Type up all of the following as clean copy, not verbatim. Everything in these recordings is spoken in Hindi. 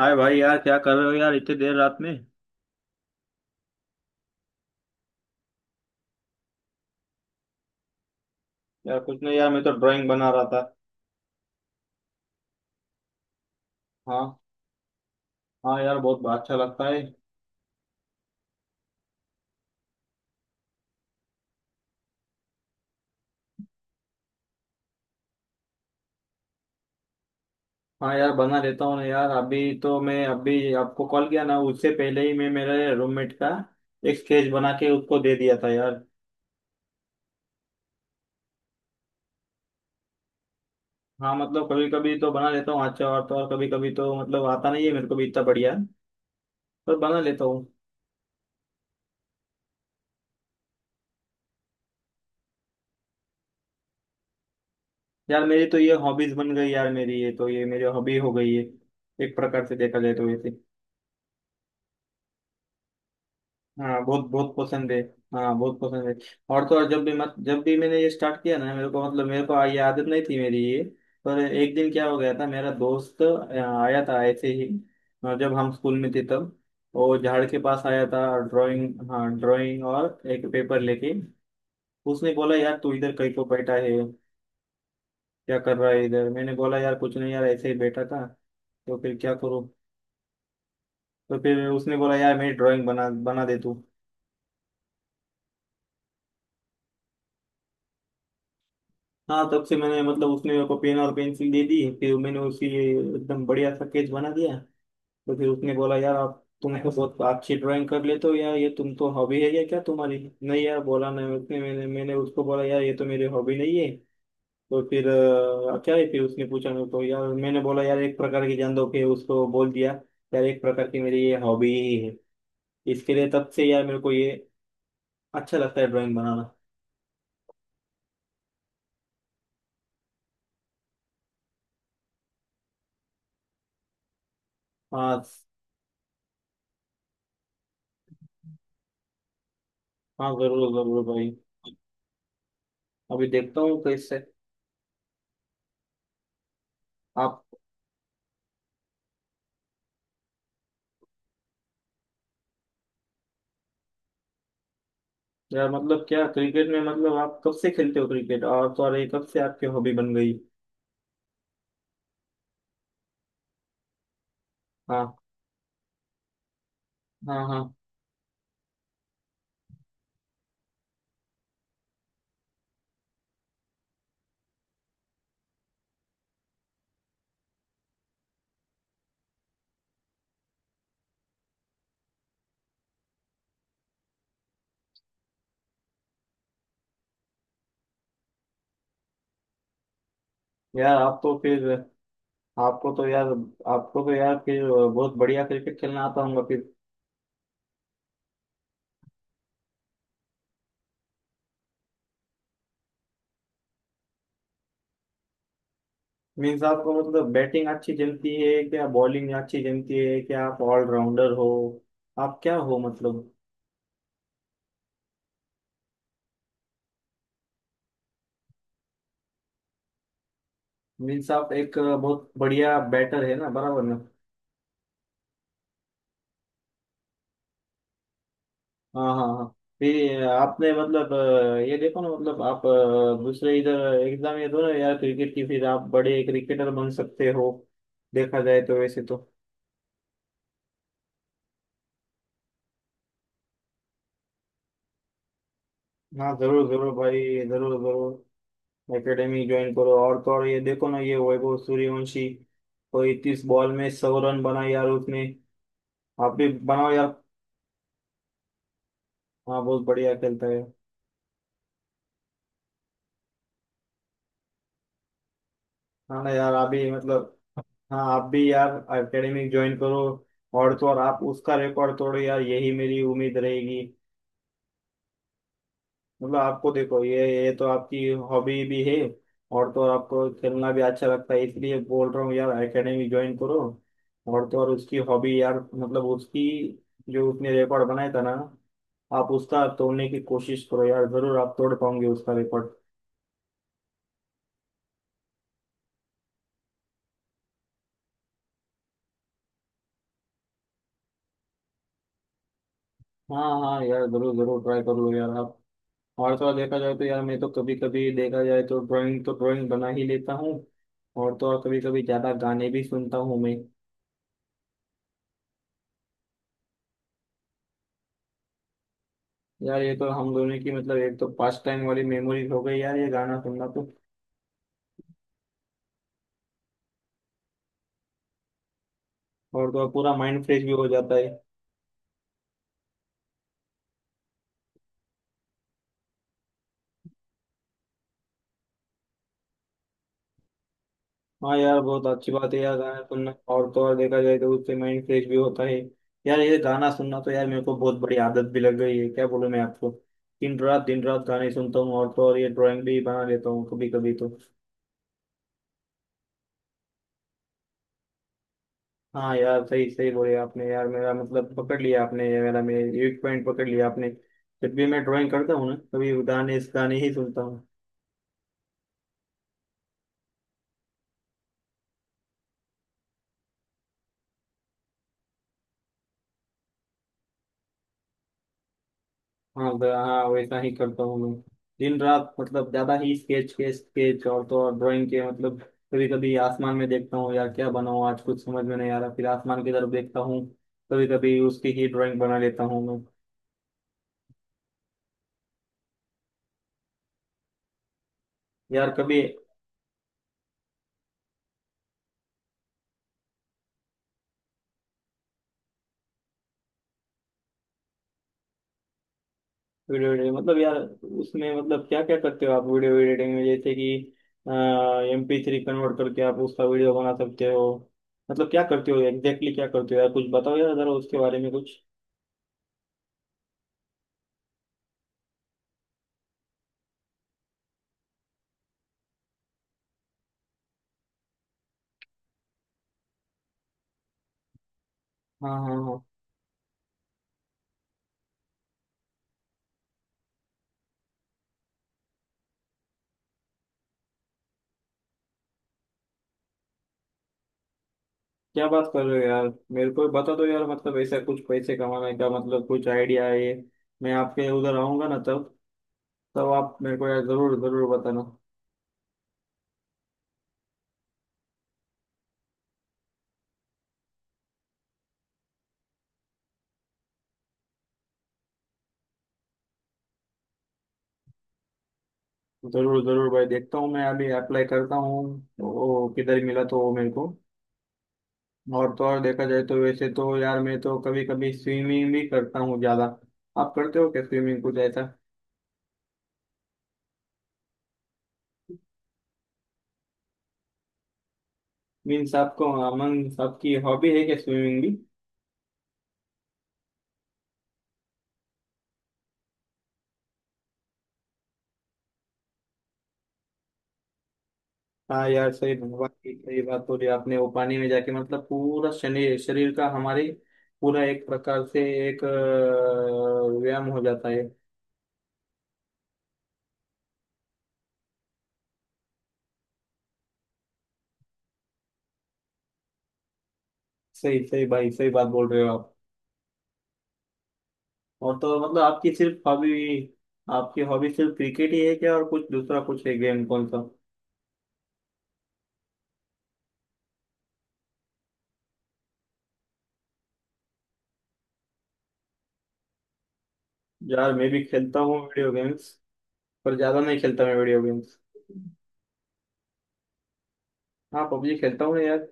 हाय भाई, यार क्या कर रहे हो यार इतनी देर रात में। यार कुछ नहीं यार, मैं तो ड्राइंग बना रहा था। हाँ। हाँ यार, बहुत अच्छा लगता है। हाँ यार, बना लेता हूँ ना यार। अभी तो मैं, अभी आपको कॉल किया ना, उससे पहले ही मैं मेरे रूममेट का एक स्केच बना के उसको दे दिया था यार। हाँ मतलब कभी कभी तो बना लेता हूँ अच्छा। और तो और कभी कभी तो मतलब आता नहीं है मेरे को भी इतना बढ़िया, पर बना लेता हूँ। यार मेरी तो ये हॉबीज बन गई, यार मेरी ये तो ये मेरी हॉबी हो गई है एक प्रकार से देखा जाए तो वैसे। हाँ बहुत बहुत पसंद है। हाँ बहुत पसंद है। और तो और जब भी मत जब भी मैंने ये स्टार्ट किया ना, मेरे को मतलब मेरे को ये आदत नहीं थी मेरी ये। पर एक दिन क्या हो गया था, मेरा दोस्त आया था ऐसे ही। जब हम स्कूल में थे तब वो झाड़ के पास आया था, ड्राइंग, हाँ ड्राइंग, और एक पेपर लेके उसने बोला यार तू इधर कहीं को बैठा है, क्या कर रहा है इधर। मैंने बोला यार कुछ नहीं यार, ऐसे ही बैठा था, तो फिर क्या करूँ। तो फिर उसने बोला यार मेरी ड्राइंग बना बना दे तू। हाँ, तब से मैंने, मतलब उसने मेरे को पेन और पेंसिल दे दी, फिर मैंने उसी एकदम बढ़िया सा स्केच बना दिया। तो फिर उसने बोला यार, आप तुम तो बहुत अच्छी ड्राइंग कर लेते हो यार, ये तुम तो हॉबी है या क्या तुम्हारी। नहीं यार, बोला नहीं उसने। मैंने मैंने उसको बोला यार, ये तो मेरी हॉबी नहीं है। तो फिर क्या है, फिर उसने पूछा मेरे को। यार मैंने बोला यार, एक प्रकार की जान दो कि उसको बोल दिया, यार एक प्रकार की मेरी ये हॉबी ही है इसके लिए। तब से यार मेरे को ये अच्छा लगता है ड्राइंग बनाना। हाँ। हाँ जरूर जरूर भाई। अभी देखता हूँ कैसे। आप, या मतलब क्या, क्रिकेट में मतलब आप कब से खेलते हो क्रिकेट, और तो और ये कब से आपकी हॉबी बन गई। हाँ हाँ हाँ। यार आप तो फिर आपको तो यार, आपको तो यार फिर बहुत बढ़िया क्रिकेट खेलना आता होगा फिर। मीन्स आपको मतलब बैटिंग अच्छी जमती है क्या, बॉलिंग अच्छी जमती है क्या, आप ऑलराउंडर हो, आप क्या हो मतलब। मीन्स आप एक बहुत बढ़िया बैटर है ना, बराबर ना। हाँ हाँ हाँ। फिर आपने मतलब ये देखो ना, मतलब आप दूसरे इधर एग्जाम ये दो ना यार, क्रिकेट की, फिर आप बड़े क्रिकेटर बन सकते हो, देखा जाए तो वैसे तो। हाँ जरूर जरूर भाई। जरूर जरूर एकेडमी ज्वाइन करो। और तो और ये देखो ना, ये वैभव सूर्यवंशी कोई 21 बॉल में 100 रन बनाए यार उसने। आप भी बनाओ यार। हाँ बहुत बढ़िया खेलता है। हाँ ना यार आप भी मतलब। हाँ आप भी यार एकेडमी ज्वाइन करो। और तो और आप उसका रिकॉर्ड तोड़ो यार, यही मेरी उम्मीद रहेगी। मतलब आपको देखो, ये तो आपकी हॉबी भी है, और तो आपको खेलना भी अच्छा लगता है, इसलिए बोल रहा हूँ यार, एकेडमी ज्वाइन करो। और तो और उसकी हॉबी यार, मतलब उसकी जो उसने रिकॉर्ड बनाया था ना, आप उसका तोड़ने की कोशिश करो यार, जरूर आप तोड़ पाओगे उसका रिकॉर्ड। हाँ हाँ यार जरूर जरूर ट्राई कर लो यार आप। और तो और देखा जाए तो यार, मैं तो कभी कभी देखा जाए तो ड्राइंग बना ही लेता हूँ। और तो और कभी कभी ज्यादा गाने भी सुनता हूँ मैं। यार ये तो हम दोनों की मतलब एक तो पास्ट टाइम वाली मेमोरीज हो गई यार, ये गाना सुनना तो। और तो और पूरा माइंड फ्रेश भी हो जाता है। हाँ यार बहुत अच्छी बात है यार गाना सुनना, और तो और देखा जाए तो उससे माइंड फ्रेश भी होता है। यार ये गाना सुनना तो यार मेरे को बहुत बड़ी आदत भी लग गई है, क्या बोलूं मैं आपको। दिन रात गाने सुनता हूँ, और तो और ये ड्राइंग भी बना लेता हूँ कभी कभी तो। हाँ यार सही सही बोले आपने यार, मेरा मतलब पकड़ लिया आपने, ये मेरा मेरे एक पॉइंट पकड़ लिया आपने। जब भी मैं ड्राइंग करता हूँ ना, कभी गाने, इस गाने ही सुनता हूँ। हाँ हाँ वैसा ही करता हूँ मैं। दिन रात मतलब ज्यादा ही स्केच के स्केच, और तो और ड्राइंग के मतलब कभी कभी आसमान में देखता हूँ यार, क्या बनाऊँ आज कुछ समझ में नहीं आ रहा, फिर आसमान की तरफ देखता हूँ, कभी कभी उसकी ही ड्राइंग बना लेता हूँ मैं। यार कभी वीडियो एडिटिंग मतलब यार, उसमें मतलब क्या क्या करते हो आप वीडियो एडिटिंग में, जैसे कि MP3 कन्वर्ट करके आप उसका वीडियो बना सकते हो, मतलब क्या करते हो एग्जैक्टली क्या करते हो यार, कुछ बताओ यार जरा उसके बारे में कुछ। हाँ हाँ हाँ। क्या बात कर रहे हो यार। मेरे को बता दो यार, मतलब ऐसा कुछ पैसे कमाने का मतलब कुछ आइडिया है ये, मैं आपके उधर आऊंगा ना तब, तब आप मेरे को यार जरूर जरूर बताना। जरूर जरूर भाई देखता हूँ मैं, अभी अप्लाई करता हूँ, वो किधर मिला तो वो मेरे को। और तो और देखा जाए तो वैसे तो यार, मैं तो कभी कभी स्विमिंग भी करता हूँ ज्यादा। आप करते हो क्या स्विमिंग कुछ ऐसा। मीन्स आपको, मीन्स आपकी हॉबी है क्या स्विमिंग। हाँ यार सही, भगवान की सही बात बोली आपने, वो पानी में जाके मतलब पूरा शरीर, शरीर का हमारे पूरा एक प्रकार से एक व्यायाम हो जाता है। सही सही भाई सही बात बोल रहे हो आप। और तो मतलब आपकी सिर्फ हॉबी, आपकी हॉबी सिर्फ क्रिकेट ही है क्या, और कुछ दूसरा कुछ है गेम कौन सा। यार मैं भी खेलता हूँ वीडियो गेम्स, पर ज्यादा नहीं खेलता मैं वीडियो गेम्स। हाँ पबजी खेलता हूँ यार।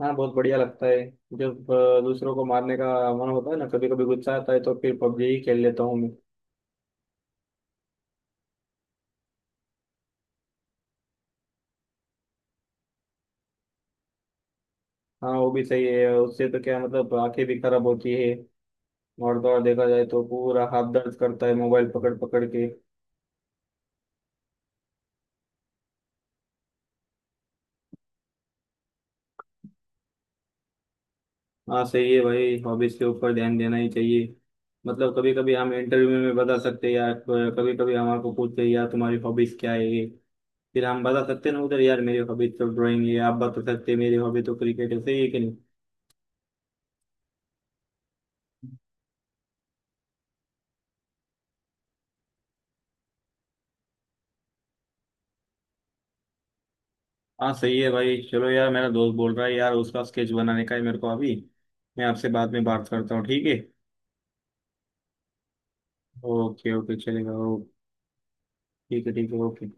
हाँ बहुत बढ़िया लगता है। जब दूसरों को मारने का मन होता है ना, कभी कभी गुस्सा आता है, तो फिर पबजी ही खेल लेता हूँ मैं। हाँ वो भी सही है, उससे तो क्या मतलब आंखें भी खराब होती है, और तो और देखा जाए तो पूरा हाथ दर्द करता है मोबाइल पकड़ पकड़ के। हाँ सही है भाई, हॉबीज के ऊपर ध्यान देना ही चाहिए। मतलब कभी कभी हम इंटरव्यू में बता सकते हैं यार, कभी कभी हमारे को पूछते हैं यार तुम्हारी हॉबीज क्या है ये, फिर हम बता सकते हैं ना उधर यार, मेरी हॉबीज तो ड्राइंग है, आप बता सकते हैं मेरी हॉबी तो क्रिकेट है, सही है कि नहीं। हाँ सही है भाई चलो, यार मेरा दोस्त बोल रहा है यार उसका स्केच बनाने का है मेरे को अभी, मैं आपसे बाद में बात करता हूँ ठीक है। ओके ओके चलेगा okay. You could even open.